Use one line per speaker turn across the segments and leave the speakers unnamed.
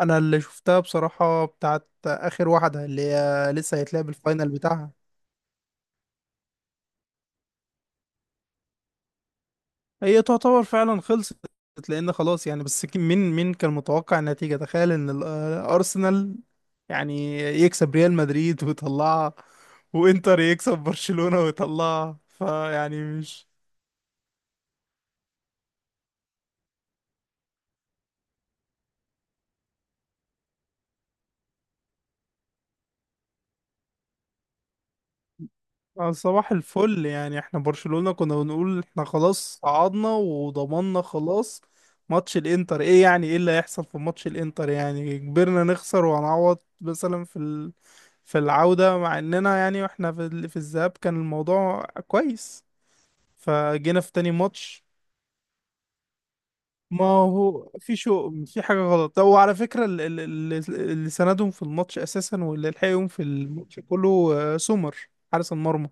انا اللي شفتها بصراحة بتاعت اخر واحدة اللي هي لسه هيتلعب الفاينل بتاعها. هي تعتبر فعلا خلصت، لان خلاص يعني. بس مين كان متوقع النتيجة؟ تخيل ان ارسنال يعني يكسب ريال مدريد ويطلعها، وانتر يكسب برشلونة ويطلعها، فيعني مش... صباح الفل، يعني احنا برشلونة كنا بنقول احنا خلاص صعدنا وضمننا خلاص. ماتش الانتر ايه؟ يعني ايه اللي هيحصل في ماتش الانتر؟ يعني كبرنا نخسر وهنعوض مثلا في في العودة، مع اننا يعني واحنا في في الذهاب كان الموضوع كويس، فجينا في تاني ماتش. ما هو في شو، في حاجة غلط. طب وعلى فكرة اللي سندهم في الماتش اساسا واللي لحقهم في الماتش كله سومر، حارس المرمى.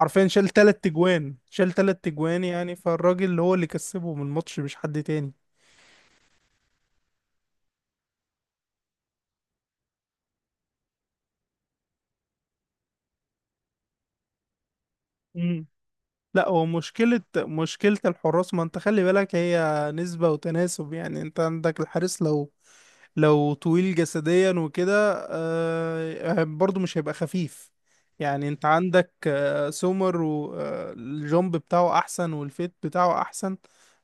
حرفيا شال تلات تجوان، شال تلات تجوان، يعني فالراجل هو اللي كسبه من الماتش، مش حد تاني. امم لا، هو مشكلة الحراس، ما انت خلي بالك، هي نسبة وتناسب. يعني انت عندك الحارس لو طويل جسديا وكده، برضه مش هيبقى خفيف. يعني انت عندك سومر، والجومب بتاعه احسن، والفيت بتاعه احسن،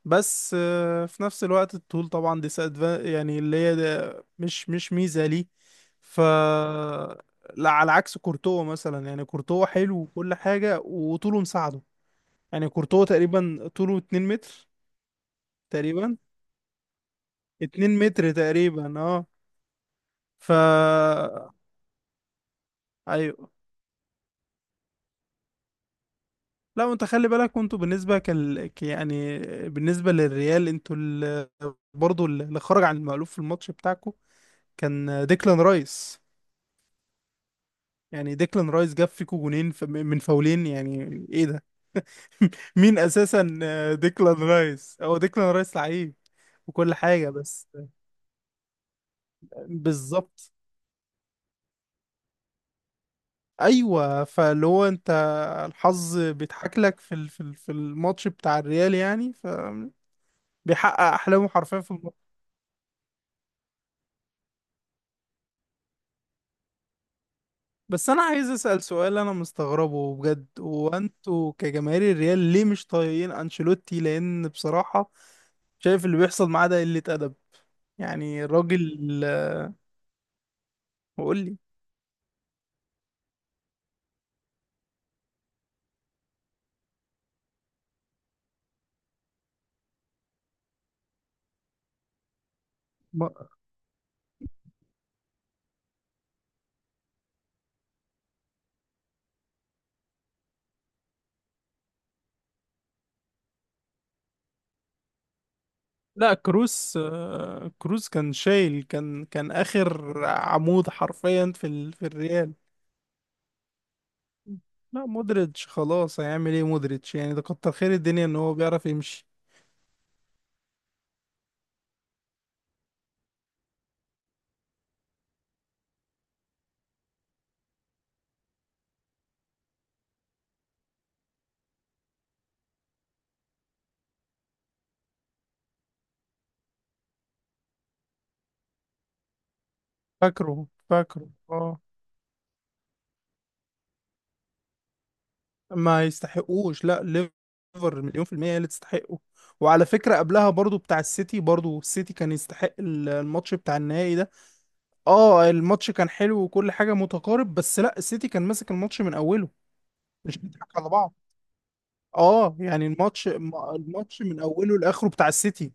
بس في نفس الوقت الطول طبعا دي يعني اللي هي ده مش مش ميزة ليه. ف لا، على عكس كورتوا مثلا، يعني كورتوا حلو وكل حاجة، وطوله مساعده. يعني كورتوا تقريبا طوله 2 متر تقريبا، 2 متر تقريبا، اه. ف ايوه. لا، وانت خلي بالك، وانتوا بالنسبة يعني بالنسبة للريال، انتوا برضو اللي خرج عن المألوف في الماتش بتاعكم كان ديكلان رايس. يعني ديكلان رايس جاب فيكو جونين من فاولين، يعني ايه ده؟ مين اساسا؟ ديكلان رايس هو ديكلان رايس لعيب وكل حاجة، بس بالظبط. ايوه، فاللي هو انت الحظ بيضحك لك في في الماتش بتاع الريال، يعني فبيحقق احلامه حرفيا في الماتش. بس انا عايز اسال سؤال، انا مستغربه بجد، وانتوا كجماهير الريال ليه مش طايقين انشيلوتي؟ لان بصراحة شايف اللي بيحصل معاه ده قلة ادب، يعني الراجل. وقول لي. ما- لا، كروس، كروس كان شايل، كان اخر عمود حرفيا في في الريال. لا، مودريتش خلاص هيعمل ايه؟ مودريتش يعني ده كتر خير الدنيا ان هو بيعرف يمشي. فاكره اه. ما يستحقوش، لا، ليفر مليون في المية هي اللي تستحقه. وعلى فكرة قبلها برضو بتاع السيتي، برضو السيتي كان يستحق الماتش بتاع النهائي ده. اه، الماتش كان حلو وكل حاجة متقارب، بس لا، السيتي كان ماسك الماتش من اوله، مش بيضحك على بعض. اه يعني الماتش، الماتش من اوله لاخره بتاع السيتي.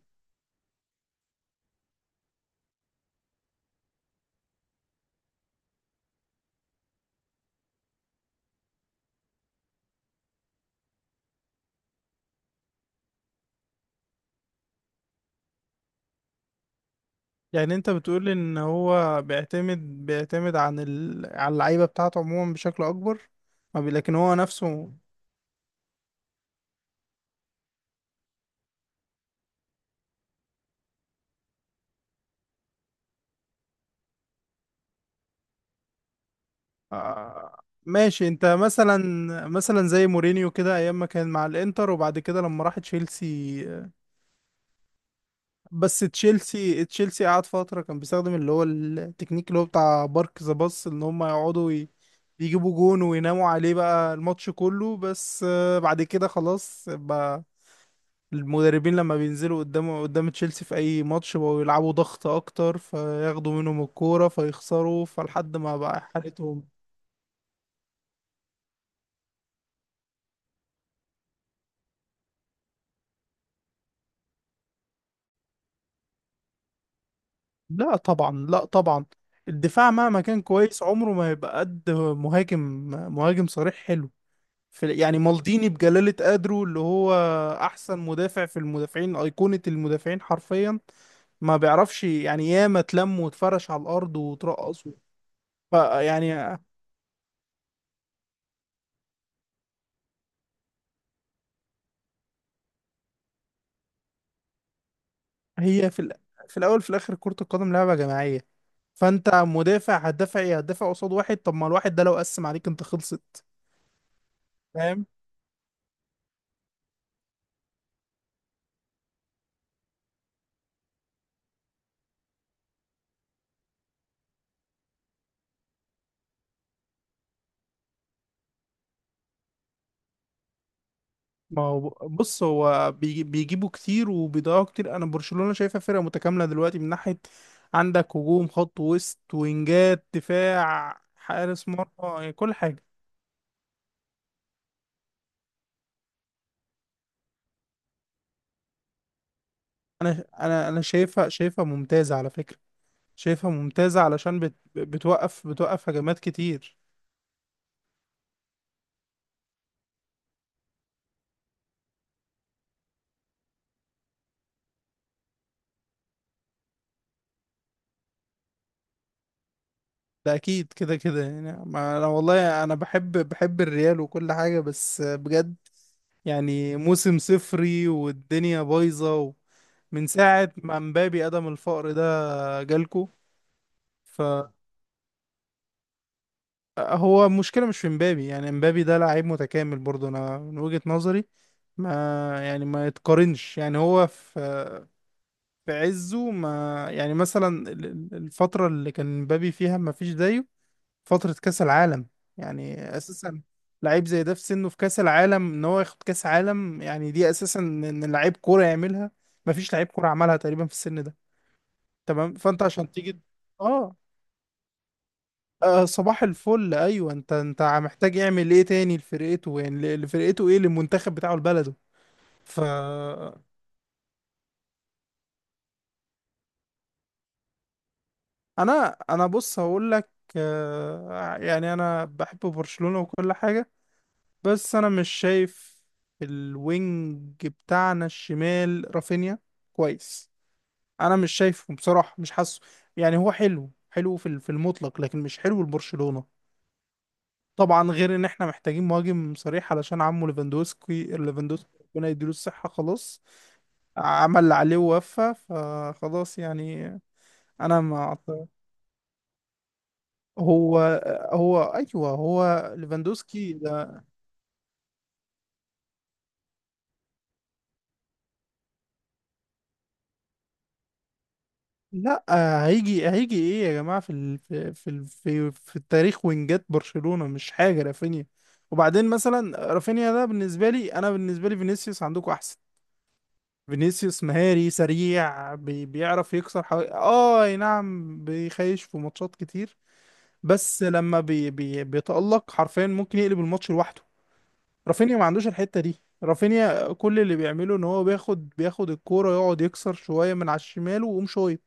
يعني انت بتقول ان هو بيعتمد، على اللعيبه بتاعته عموما بشكل اكبر. ما بي- لكن هو نفسه، آه. ماشي، انت مثلا زي مورينيو كده، ايام ما كان مع الانتر، وبعد كده لما راح تشيلسي. بس تشيلسي قعد فترة كان بيستخدم اللي هو التكنيك اللي هو بتاع بارك ذا باص، ان هم يقعدوا يجيبوا جون ويناموا عليه بقى الماتش كله، بس بعد كده خلاص بقى. المدربين لما بينزلوا قدام تشيلسي في اي ماتش بقوا يلعبوا ضغط اكتر، فياخدوا منهم الكورة فيخسروا، فلحد ما بقى حالتهم. لا طبعا، لا طبعا، الدفاع مهما كان كويس عمره ما هيبقى قد مهاجم، مهاجم صريح حلو. في يعني مالديني بجلالة قدره، اللي هو أحسن مدافع في المدافعين، أيقونة المدافعين حرفيا، ما بيعرفش يعني، ياما اتلم واتفرش على الأرض وترقص فيعني. هي في في الأول، في الآخر، كرة القدم لعبة جماعية. فأنت مدافع، هتدافع إيه؟ هتدافع قصاد واحد؟ طب ما الواحد ده لو قسم عليك أنت خلصت. فاهم؟ ما هو بص، هو بيجيبوا كتير وبيضيعوا كتير. انا برشلونة شايفها فرقة متكاملة دلوقتي، من ناحية عندك هجوم، خط وسط، وينجات، دفاع، حارس مرمى، يعني كل حاجة. انا شايفها ممتازة على فكرة، شايفها ممتازة علشان بتوقف هجمات كتير. ده اكيد كده يعني، ما انا والله انا بحب الريال وكل حاجة، بس بجد. يعني موسم صفري والدنيا بايظة من ساعة ما مبابي قدم الفقر، جالكو. فهو المشكلة مش في مبابي، يعني مبابي ده لعيب متكامل برضه، أنا من وجهة نظري. ما يعني ما يتقارنش، يعني هو في، في عزه ما. يعني مثلا الفترة اللي كان مبابي فيها ما فيش زيه، فترة كأس العالم. يعني أساسا لعيب زي ده في سنه، في كأس العالم إن هو ياخد كأس عالم، يعني دي أساسا إن لعيب كورة يعملها. ما فيش لعيب كورة عملها تقريبا في السن ده. تمام، فأنت عشان تيجي، اه. صباح الفل، ايوه، انت انت محتاج يعمل ايه تاني لفرقته؟ يعني لفرقته، ايه، للمنتخب بتاعه، لبلده. ف انا بص هقول لك. يعني انا بحب برشلونة وكل حاجة، بس انا مش شايف الوينج بتاعنا الشمال رافينيا كويس. انا مش شايفه بصراحة، مش حاسه، يعني هو حلو، حلو في في المطلق، لكن مش حلو لبرشلونة. طبعا غير ان احنا محتاجين مهاجم صريح، علشان عمه ليفاندوسكي، ليفاندوسكي ربنا يديله الصحة خلاص، عمل اللي عليه ووفى، فخلاص يعني. انا ما أعت- هو هو ايوه هو ليفاندوسكي ده. لا، هيجي ايه يا جماعه؟ في ال... في في ال... في في التاريخ وينجات برشلونه مش حاجه رافينيا. وبعدين مثلا رافينيا ده بالنسبه لي، انا بالنسبه لي فينيسيوس عندكم احسن. فينيسيوس مهاري سريع، بيعرف يكسر حوالي، اه، أي نعم، بيخيش في ماتشات كتير، بس لما بي بي بيتألق حرفيا ممكن يقلب الماتش لوحده. رافينيا ما عندوش الحتة دي، رافينيا كل اللي بيعمله ان هو بياخد الكورة، يقعد يكسر شوية من على الشمال ويقوم شوية.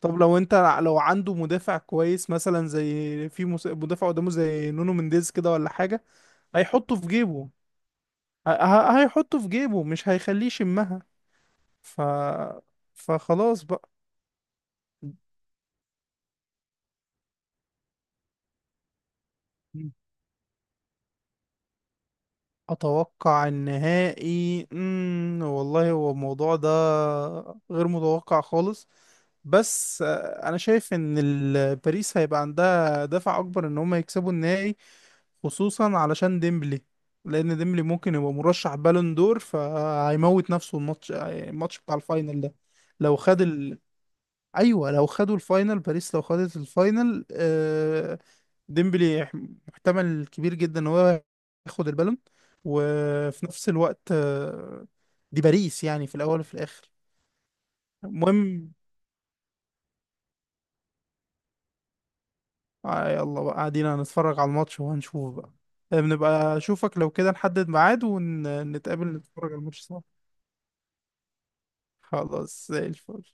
طب لو انت، لو عنده مدافع كويس مثلا زي في مدافع قدامه زي نونو مينديز كده ولا حاجة، هيحطه في جيبه. هيحطه في جيبه، مش هيخليه يشمها. ف فخلاص بقى. اتوقع النهائي، والله هو الموضوع ده غير متوقع خالص. بس انا شايف ان باريس هيبقى عندها دافع اكبر ان هم يكسبوا النهائي، خصوصا علشان ديمبلي. لان ديمبلي ممكن يبقى مرشح بالون دور، فهيموت نفسه الماتش، الماتش بتاع الفاينل ده. لو خد ايوه، لو خدوا الفاينل، باريس لو خدت الفاينل، ديمبلي محتمل كبير جدا ان هو ياخد البالون. وفي نفس الوقت، دي باريس يعني، في الاول وفي الاخر. المهم، يلا بقى، قاعدين هنتفرج على الماتش وهنشوف بقى. بنبقى اشوفك، لو كده نحدد ميعاد ونتقابل نتفرج على الماتش سوا. خلاص زي الفل.